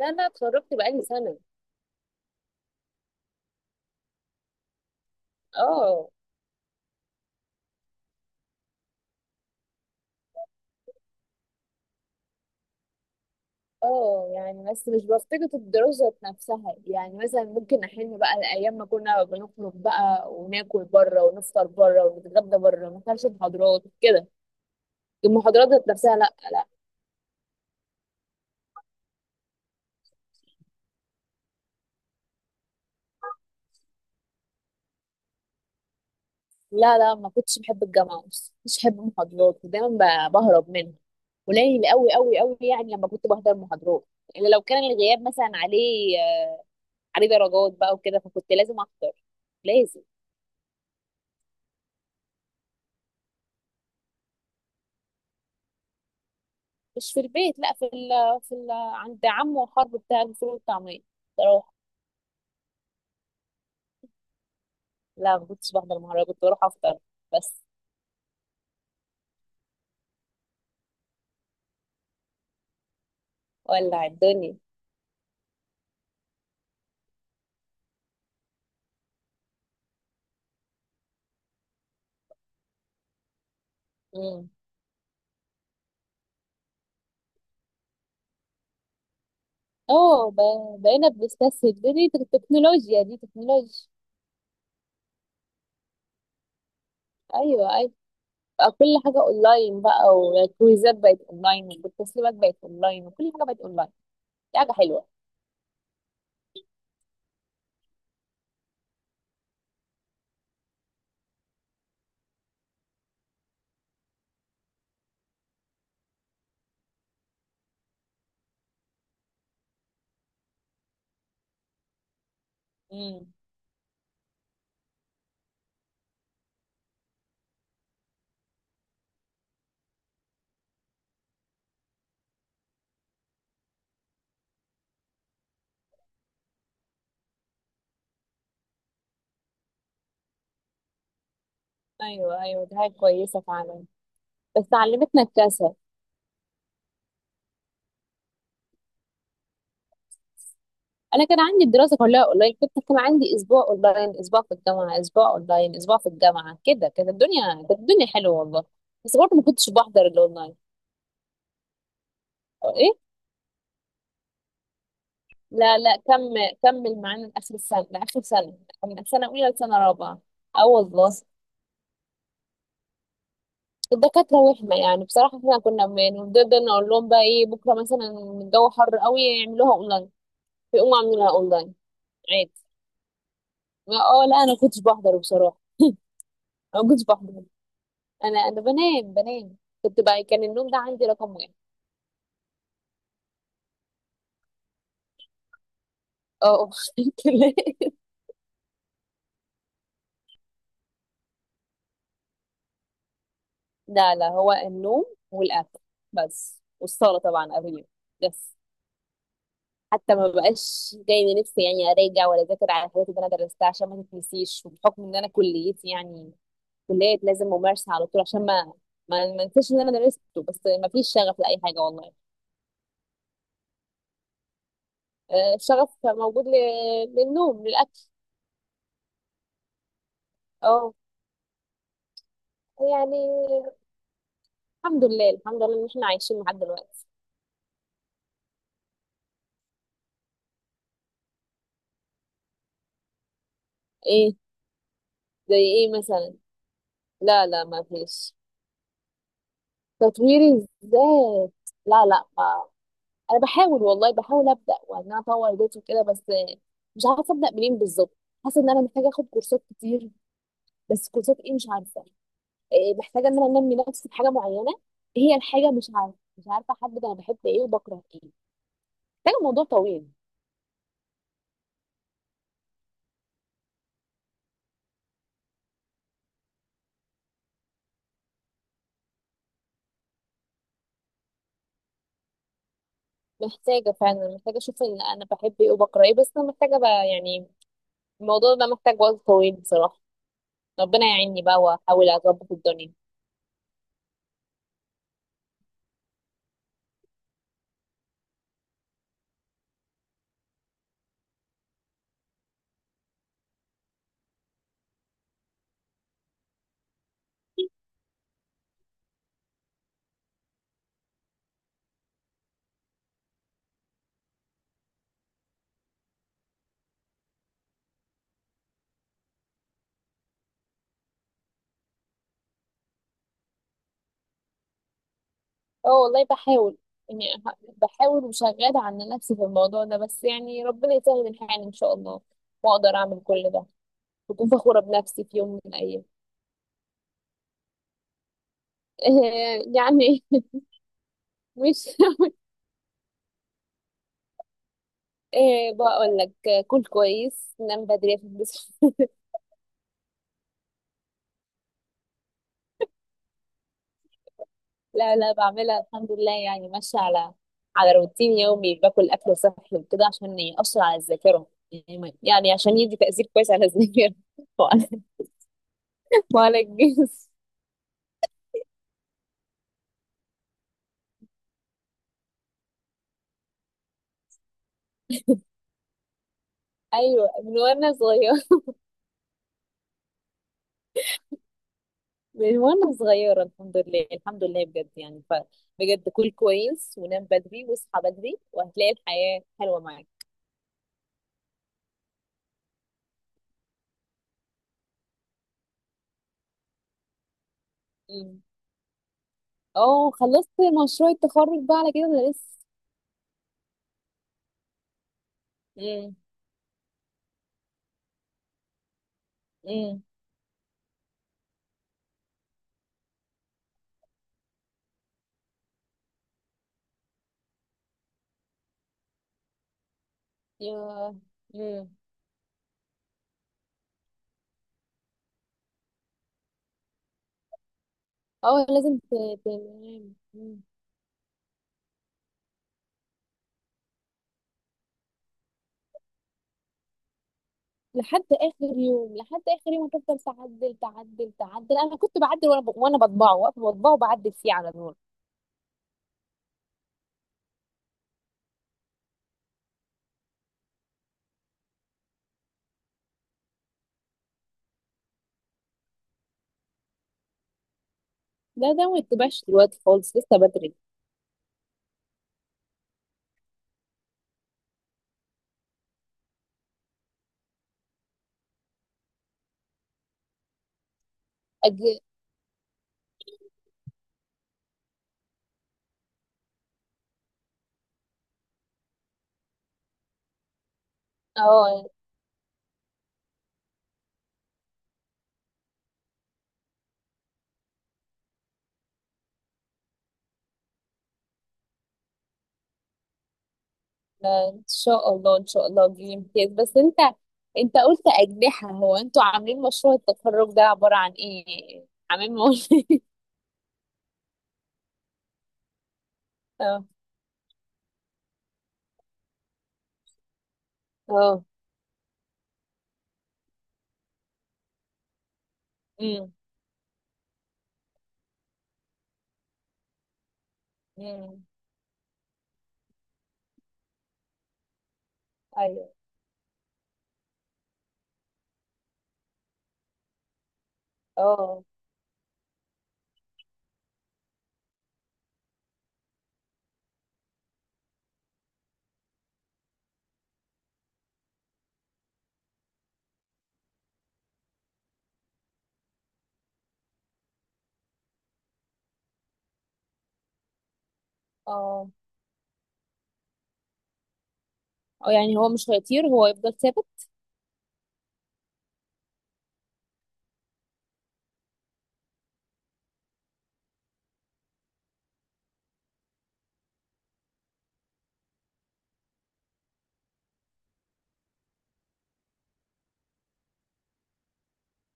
لا، انا اتخرجت بقالي سنه. اه. اه، يعني بس مش بفتقد الدراسه نفسها، يعني مثلا ممكن احن بقى الايام ما كنا بنخرج بقى وناكل بره ونفطر بره ونتغدى بره ما كانش محاضرات كده. المحاضرات ذات نفسها، لا لا. لا لا، ما كنتش بحب الجامعه، بس مش بحب المحاضرات ودايما بهرب منها. قليل قوي قوي قوي، يعني لما كنت بحضر محاضرات الا لو كان الغياب مثلا عليه درجات بقى وكده، فكنت لازم احضر. لازم. مش في البيت، لا، في ال في ال عند عمه وخال بتاع الفول والطعمية. بروح. لا، ما كنتش بحضر، مهرجان كنت بروح افطر. بس. ولع الدنيا. امم. اه، بقينا بنستسهل، دي تكنولوجيا، دي تكنولوجيا. ايوه، ايوه. بقى كل حاجه اونلاين بقى، والكويزات بقت اونلاين، والتسليمات بقت اونلاين، وكل حاجه بقت اونلاين. دي حاجه حلوه. امم. ايوه، ايوه، دي حاجه كويسه فعلا. بس علمتنا الكسل. انا كان عندي الدراسه كلها اونلاين، كان عندي اسبوع اونلاين، اسبوع في الجامعه، اسبوع اونلاين، اسبوع في الجامعه، كده كانت الدنيا حلوه والله. بس برضه ما كنتش بحضر الاونلاين. أو ايه. لا لا، كمل. كمل معانا لاخر السنه، لاخر سنه. من سنه اولى لسنه رابعه. اه والله. الدكاتره وهمه، يعني بصراحه احنا كنا بنفضل نقول لهم بقى ايه، بكره مثلا الجو حر قوي، يعملوها اونلاين. فيقوموا عاملينها اونلاين. عادي. اه، لا، انا كنتش بحضر بصراحه. انا ما كنتش بحضر. انا بنام بنام. كنت بقى كان النوم ده عندي رقم واحد. اه. كده. لا لا، هو النوم. والاكل. بس، والصلاه طبعا قبل اليوم. بس. حتى ما بقاش جاي لنفسي يعني اراجع ولا اذاكر على الحاجات اللي انا درستها، عشان ما تتنسيش، وبحكم ان انا كليتي يعني كليه لازم ممارسه على طول، عشان ما انساش اللي انا درسته، بس ما فيش شغف لاي حاجه والله. الشغف موجود للنوم للاكل. اه، يعني الحمد لله الحمد لله ان احنا عايشين لحد دلوقتي. إيه؟ زي ايه مثلا؟ لا لا، ما فيش. تطوير الذات. لا لا ما. انا بحاول، والله بحاول ابدا وان انا اطور ذاتي وكده، بس مش عارفه ابدا منين بالظبط. حاسه ان انا محتاجه اخد كورسات كتير. بس كورسات ايه، مش عارفه. إيه، محتاجه ان انا انمي نفسي في حاجه معينه. هي الحاجه، مش عارفه احدد انا بحب ايه وبكره ايه. محتاجه موضوع طويل. محتاجه فعلا، محتاجه اشوف ان انا بحب ايه وبكره ايه، بس انا محتاجه بقى يعني الموضوع ده محتاج وقت طويل بصراحه. ربنا يعيني بقى واحاول اظبط الدنيا. اه والله بحاول. يعني بحاول وشغالة على نفسي في الموضوع ده، بس يعني ربنا يسهل الحال إن شاء الله، وأقدر أعمل كل ده وأكون فخورة بنفسي في يوم من الأيام. يعني مش بقول لك، كل كويس نام بدري بس. لا لا، بعملها الحمد لله، يعني ماشية على على روتين يومي، باكل أكل صحي وكده عشان يأثر على الذاكرة، يعني يعني عشان يدي تأثير كويس على الذاكرة وعلى وعلى الجسم. أيوة، من وأنا صغيرة. من وانا صغيرة، الحمد لله الحمد لله بجد، يعني ف بجد كل كويس، ونام بدري، واصحى بدري، وهتلاقي الحياة حلوة معاك. أمم. اه، خلصت مشروع التخرج بقى على كده ولا لسه؟ امم. امم. يا. امم. اه، لازم تنام. أمم. لحد اخر يوم، لحد اخر يوم، هتفضل تعدل تعدل تعدل، انا كنت بعدل وانا بطبعه، واقفه بطبعه وبعدل فيه على نور. لا ده ما يتبعش دلوقتي خالص، لسه بدري. أج... اه، ان شاء الله ان شاء الله تجيب امتياز، بس انت قلت اجنحه، هو انتوا عاملين مشروع التخرج ده عباره عن ايه؟ عاملين مول؟ اه. اه. امم. امم. ايوه. اه. اه. اه، يعني هو مش هيطير، هو يفضل ثابت؟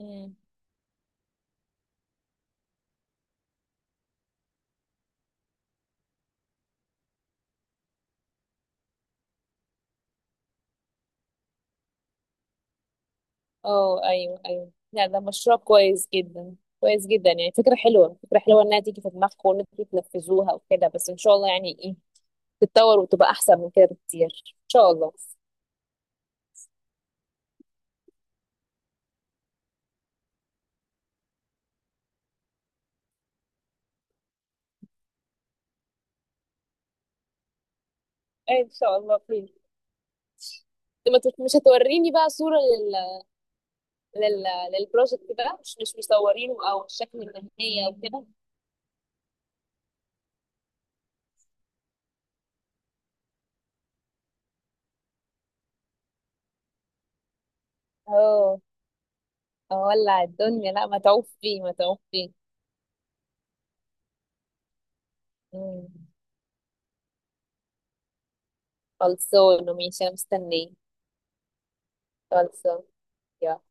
امم. اه، ايوه ايوه، لا ده مشروع كويس جدا كويس جدا، يعني فكره حلوه فكره حلوه انها تيجي في دماغكم وان انتوا تنفذوها وكده، بس ان شاء الله يعني ايه تتطور وتبقى احسن من كده بكتير. ان شاء الله. ان شاء الله خير. ما تت- مش هتوريني بقى صورة لل... للبروجكت ده، مش مصورينه، او الشكل النهائي او كده؟ اه، اولع الدنيا، لا متعوب فيه متعوب فيه. مم. خلصانه، ماشي، انا مستنيه. خلصانه. يلا.